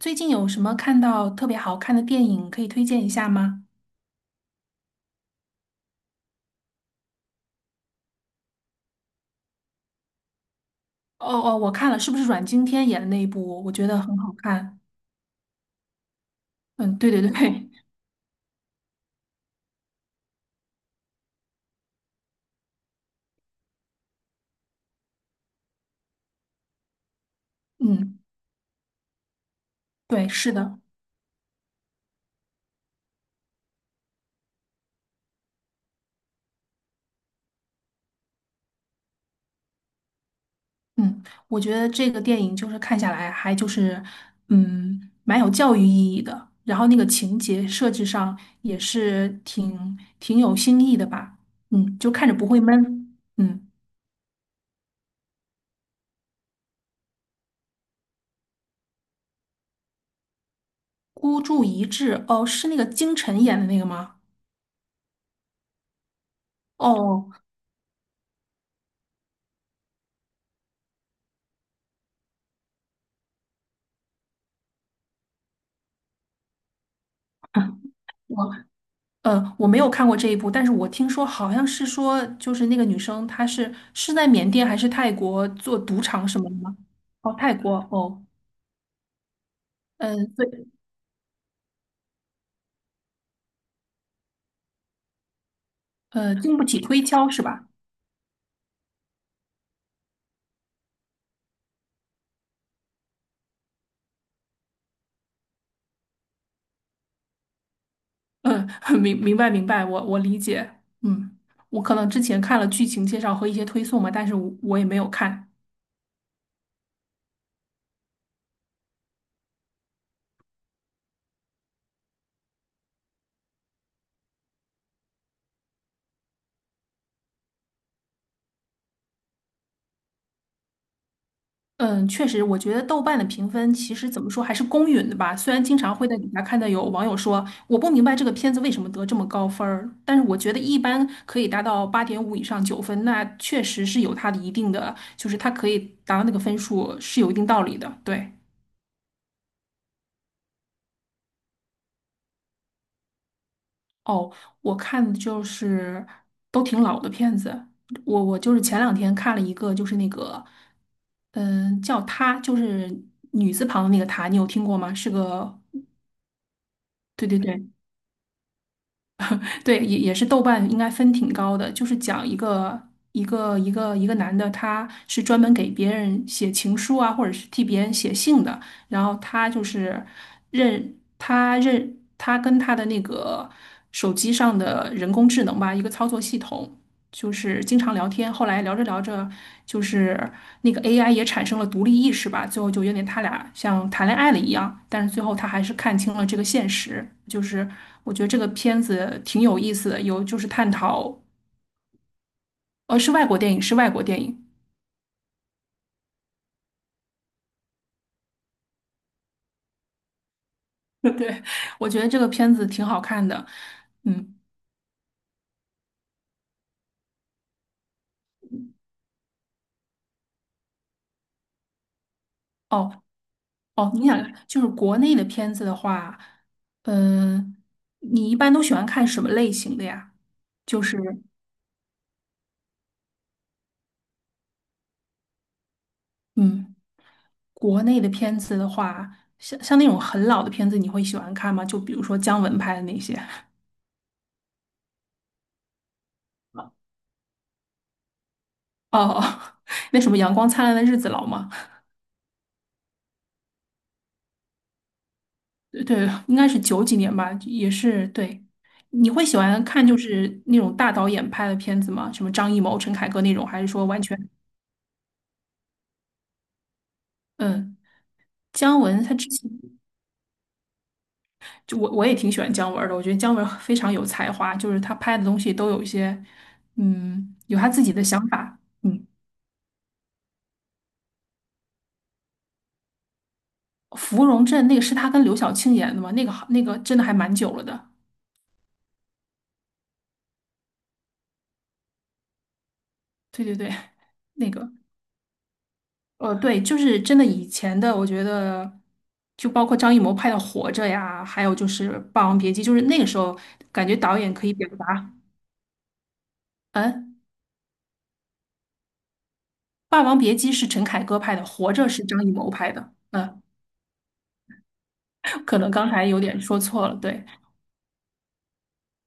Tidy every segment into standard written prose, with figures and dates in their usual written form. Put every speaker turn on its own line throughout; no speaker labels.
最近有什么看到特别好看的电影可以推荐一下吗？哦哦，我看了，是不是阮经天演的那一部？我觉得很好看。嗯，对对对。嗯，对，是的。嗯，我觉得这个电影就是看下来还就是蛮有教育意义的，然后那个情节设置上也是挺有新意的吧。嗯，就看着不会闷。嗯。孤注一掷，哦，是那个金晨演的那个吗？哦。我我没有看过这一部，但是我听说好像是说，就是那个女生她是在缅甸还是泰国做赌场什么的吗？哦，泰国哦。嗯，对。呃，经不起推敲是吧？嗯。明白明白，我理解。嗯，我可能之前看了剧情介绍和一些推送嘛，但是我也没有看。嗯，确实，我觉得豆瓣的评分其实怎么说还是公允的吧。虽然经常会在底下看到有网友说我不明白这个片子为什么得这么高分儿，但是我觉得一般可以达到八点五以上九分，那确实是有它的一定的，就是它可以达到那个分数是有一定道理的。对。哦，我看的就是都挺老的片子，我就是前两天看了一个，就是那个叫她，就是女字旁的那个她，你有听过吗？是个对对对。对，也也是豆瓣应该分挺高的，就是讲一个男的，他是专门给别人写情书啊，或者是替别人写信的，然后他就是认他认他跟他的那个手机上的人工智能吧，一个操作系统，就是经常聊天，后来聊着聊着，就是那个 AI 也产生了独立意识吧，最后就有点他俩像谈恋爱了一样，但是最后他还是看清了这个现实。就是我觉得这个片子挺有意思的，有就是探讨。是外国电影，是外国电影。对，我觉得这个片子挺好看的。嗯。哦哦，你想就是国内的片子的话，嗯、你一般都喜欢看什么类型的呀？就是嗯。国内的片子的话，像那种很老的片子，你会喜欢看吗？就比如说姜文拍的那些。哦。那什么《阳光灿烂的日子》老吗？对，对应该是九几年吧，也是对。你会喜欢看就是那种大导演拍的片子吗？什么张艺谋、陈凯歌那种，还是说完全。嗯，姜文他之前就我也挺喜欢姜文儿的，我觉得姜文儿非常有才华，就是他拍的东西都有一些有他自己的想法。嗯。芙蓉镇那个是他跟刘晓庆演的吗？那个好，那个真的还蛮久了的。对对对，那个对，就是真的以前的，我觉得就包括张艺谋拍的《活着》呀，还有就是《霸王别姬》，就是那个时候感觉导演可以表达。嗯，《霸王别姬》是陈凯歌拍的，《活着》是张艺谋拍的。嗯，可能刚才有点说错了，对。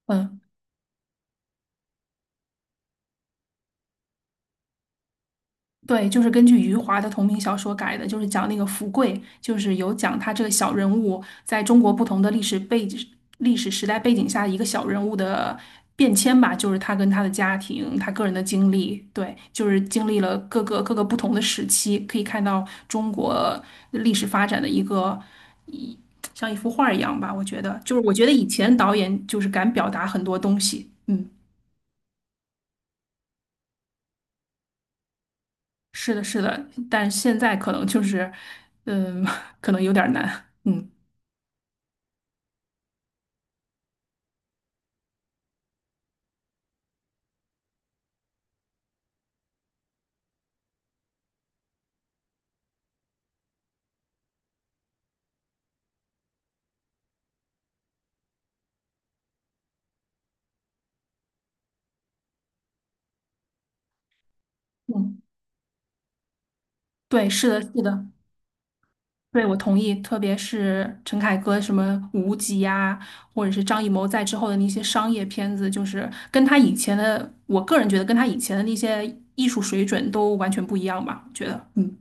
嗯。对，就是根据余华的同名小说改的，就是讲那个福贵，就是有讲他这个小人物在中国不同的历史背景、历史时代背景下一个小人物的变迁吧，就是他跟他的家庭、他个人的经历，对，就是经历了各个不同的时期，可以看到中国历史发展的一个像一幅画儿一样吧，我觉得，就是我觉得以前导演就是敢表达很多东西。嗯。是的，是的，但现在可能就是。嗯。可能有点儿难。嗯。嗯，对，是的，是的，对，我同意。特别是陈凯歌什么《无极》呀，或者是张艺谋在之后的那些商业片子，就是跟他以前的，我个人觉得跟他以前的那些艺术水准都完全不一样吧。我觉得。嗯，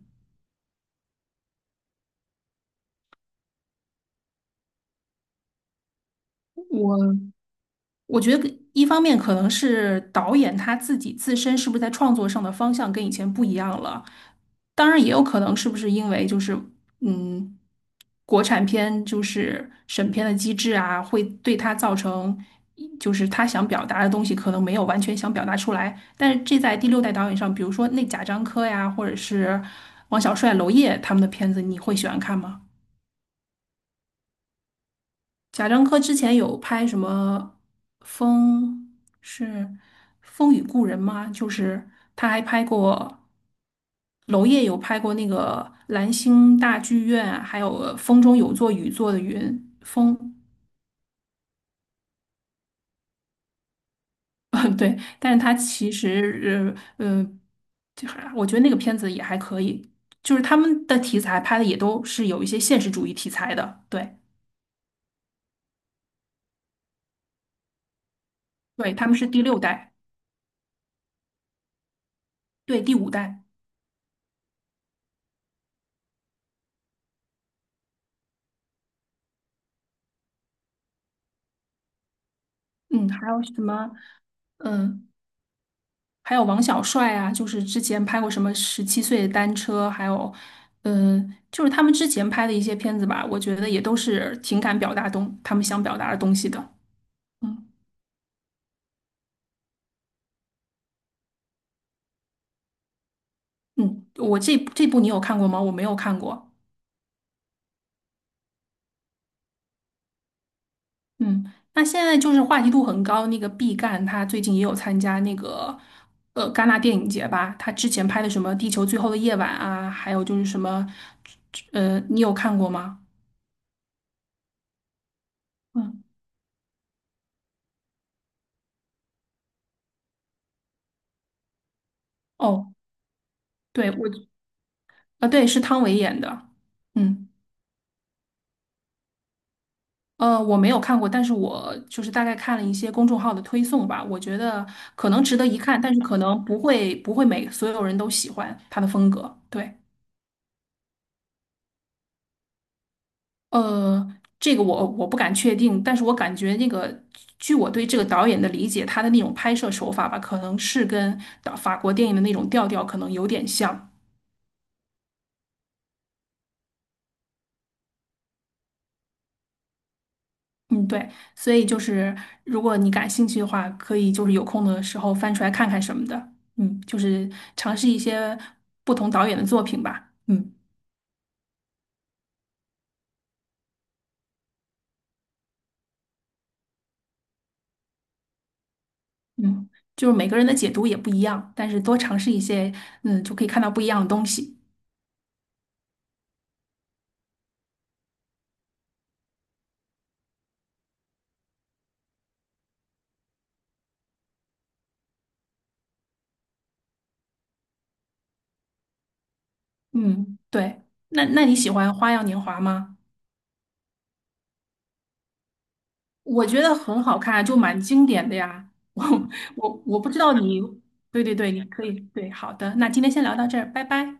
我我觉得一方面可能是导演他自己自身是不是在创作上的方向跟以前不一样了，当然也有可能是不是因为就是嗯，国产片就是审片的机制啊，会对他造成就是他想表达的东西可能没有完全想表达出来，但是这在第六代导演上，比如说那贾樟柯呀，或者是王小帅、娄烨他们的片子，你会喜欢看吗？贾樟柯之前有拍什么风是《风雨故人》吗？就是他还拍过娄烨有拍过那个蓝星大剧院，啊还有风中有座雨做的云》风。对，但是他其实就还我觉得那个片子也还可以，就是他们的题材拍的也都是有一些现实主义题材的。对对，他们是第六代。对第五代。嗯，还有什么。嗯。还有王小帅啊，就是之前拍过什么《十七岁的单车》，还有，就是他们之前拍的一些片子吧，我觉得也都是情感表达东他们想表达的东西的。嗯。嗯，我这部你有看过吗？我没有看过。嗯，那现在就是话题度很高，那个毕赣他最近也有参加那个戛纳电影节吧，他之前拍的什么《地球最后的夜晚》啊，还有就是什么。你有看过吗？嗯。哦，对，我。啊，对，是汤唯演的。嗯。我没有看过，但是我就是大概看了一些公众号的推送吧，我觉得可能值得一看，但是可能不会每所有人都喜欢他的风格。对。这个我不敢确定，但是我感觉那个，据我对这个导演的理解，他的那种拍摄手法吧，可能是跟导法国电影的那种调调可能有点像。嗯，对，所以就是如果你感兴趣的话，可以就是有空的时候翻出来看看什么的，嗯，就是尝试一些不同导演的作品吧。嗯。嗯，就是每个人的解读也不一样，但是多尝试一些，嗯，就可以看到不一样的东西。嗯，对，那那你喜欢《花样年华》吗？我觉得很好看，就蛮经典的呀。我我不知道你，对对对，你可以，对，好的，那今天先聊到这儿，拜拜。